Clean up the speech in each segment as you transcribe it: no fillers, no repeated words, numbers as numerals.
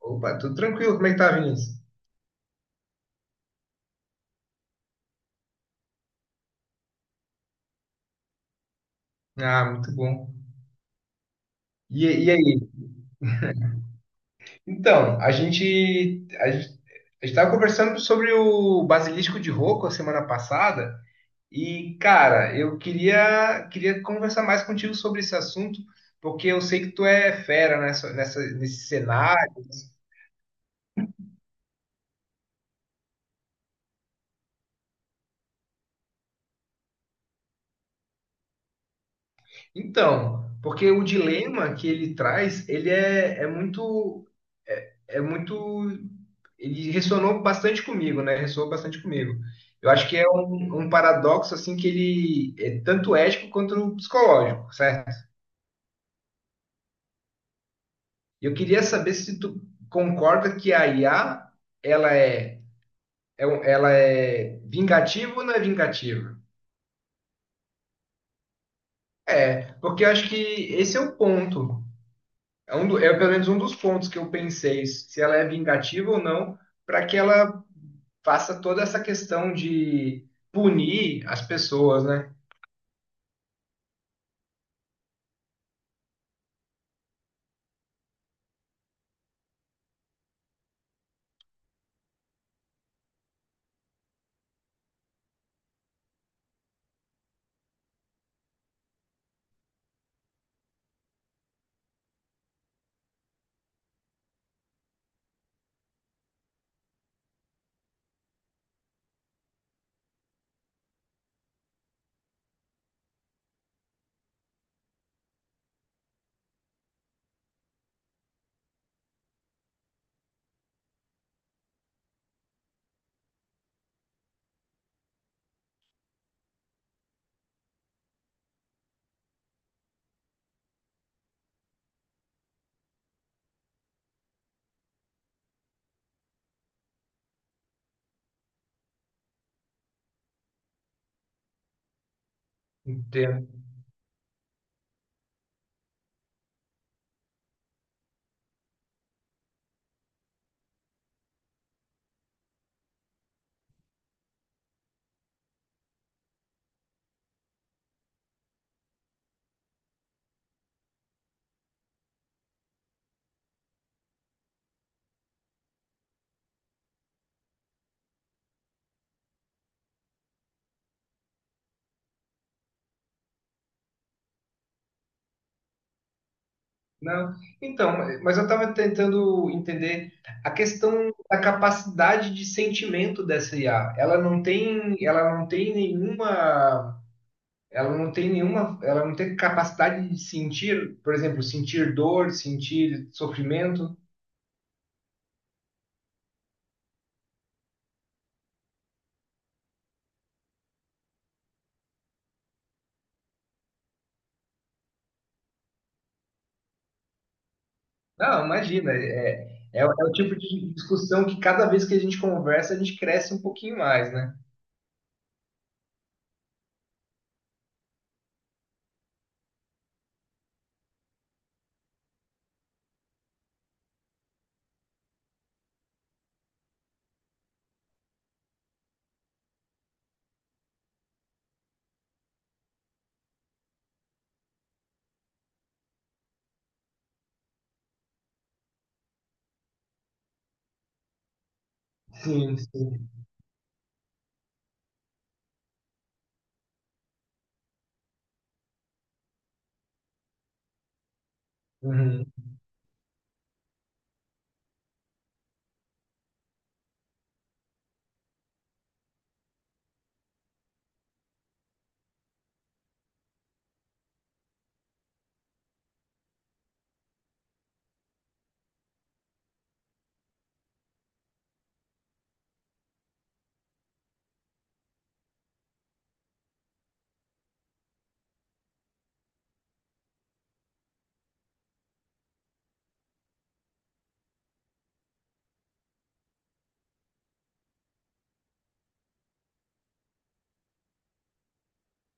Opa, tudo tranquilo? Como é que tá, Vinícius? Ah, muito bom. E aí? Então, a gente estava conversando sobre o Basilisco de Rocco a semana passada e, cara, eu queria conversar mais contigo sobre esse assunto, porque eu sei que tu é fera nesse cenário. Então, porque o dilema que ele traz, ele é, é muito, ele ressonou bastante comigo, né? Ressoou bastante comigo. Eu acho que é um paradoxo assim que ele é tanto ético quanto psicológico, certo? Eu queria saber se tu concorda que a IA, ela é, ela é vingativa ou não é vingativa? É, porque eu acho que esse é o ponto. É, é pelo menos um dos pontos que eu pensei, se ela é vingativa ou não, para que ela faça toda essa questão de punir as pessoas, né? Entendo. Não, então, mas eu estava tentando entender a questão da capacidade de sentimento dessa IA. Ela não tem nenhuma, ela não tem nenhuma, Ela não tem capacidade de sentir, por exemplo, sentir dor, sentir sofrimento. Não, imagina. É o tipo de discussão que cada vez que a gente conversa, a gente cresce um pouquinho mais, né? Sim, sim. Uhum.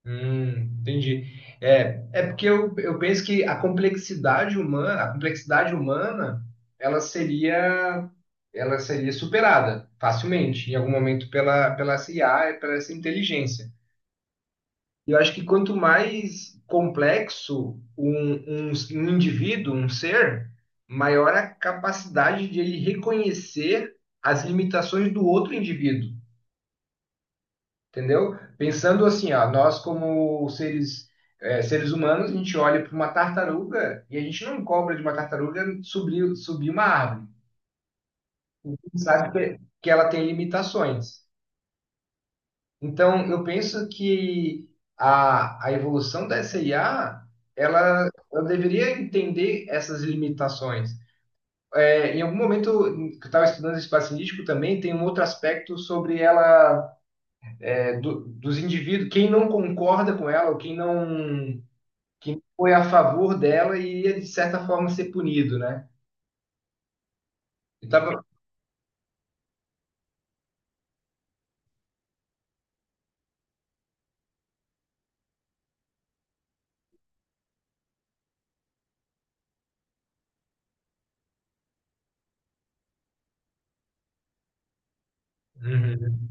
Hum, entendi. É, é porque eu penso que a complexidade humana, ela seria, ela seria superada facilmente, em algum momento, pela essa IA, e pela essa inteligência. E eu acho que quanto mais complexo um indivíduo, um ser, maior a capacidade de ele reconhecer as limitações do outro indivíduo, entendeu? Pensando assim, ó, nós como seres, é, seres humanos, a gente olha para uma tartaruga e a gente não cobra de uma tartaruga subir uma árvore. A gente sabe que ela tem limitações. Então, eu penso que a evolução da SIA, ela deveria entender essas limitações. É, em algum momento em que eu estava estudando esse espaço indígena também, tem um outro aspecto sobre ela, é, dos indivíduos, quem não concorda com ela, ou quem não foi a favor dela, iria, de certa forma, ser punido, né? Eu tava... Uhum.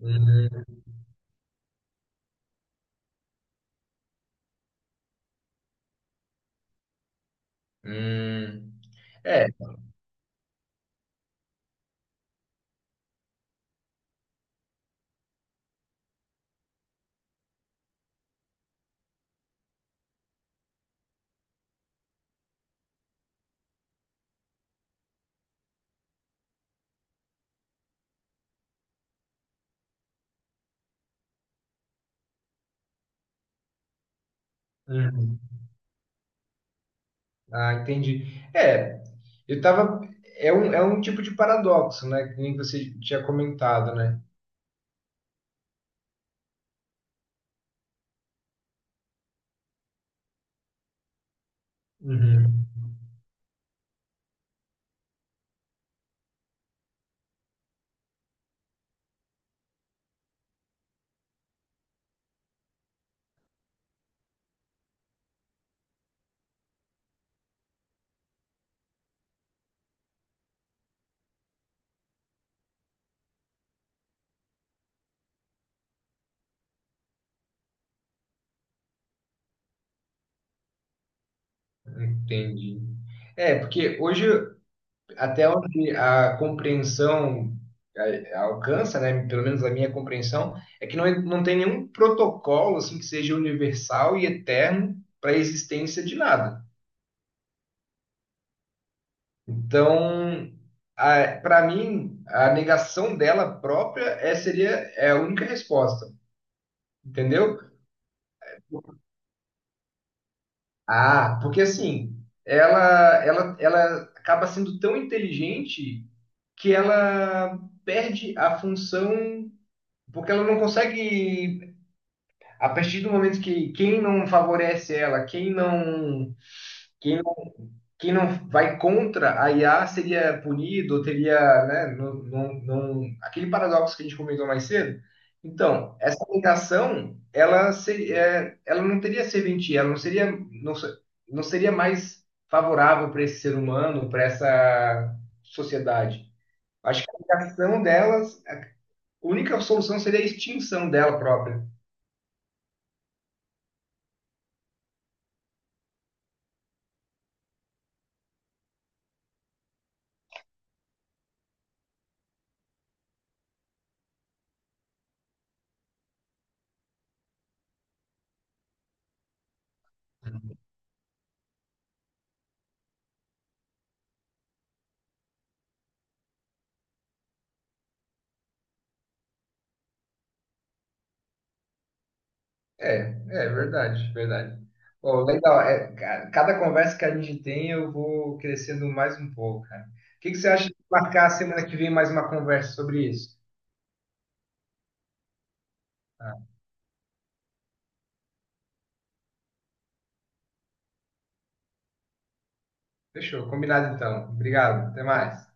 Uhum. Uhum. É. Uhum. Ah, entendi. É, eu tava. É é um tipo de paradoxo, né? Que nem você tinha comentado, né? Uhum. Entendi. É, porque hoje, até onde a compreensão alcança, né? Pelo menos a minha compreensão, é que não tem nenhum protocolo assim que seja universal e eterno para a existência de nada. Então, para mim, a negação dela própria é, seria é a única resposta, entendeu? Ah, porque assim, ela acaba sendo tão inteligente que ela perde a função, porque ela não consegue, a partir do momento que quem não favorece ela, quem não, quem quem não vai contra a IA seria punido, teria, né, não, não, não- aquele paradoxo que a gente comentou mais cedo. Então, essa negação, ela seria, é, ela não teria serventia, ela não seria, não, se- não seria mais favorável para esse ser humano, para essa sociedade. Acho que a negação delas, a única solução seria a extinção dela própria. É, é verdade, verdade. Pô, legal. É, cada conversa que a gente tem, eu vou crescendo mais um pouco, cara. O que que você acha de marcar semana que vem mais uma conversa sobre isso? Ah, fechou, combinado então. Obrigado, até mais.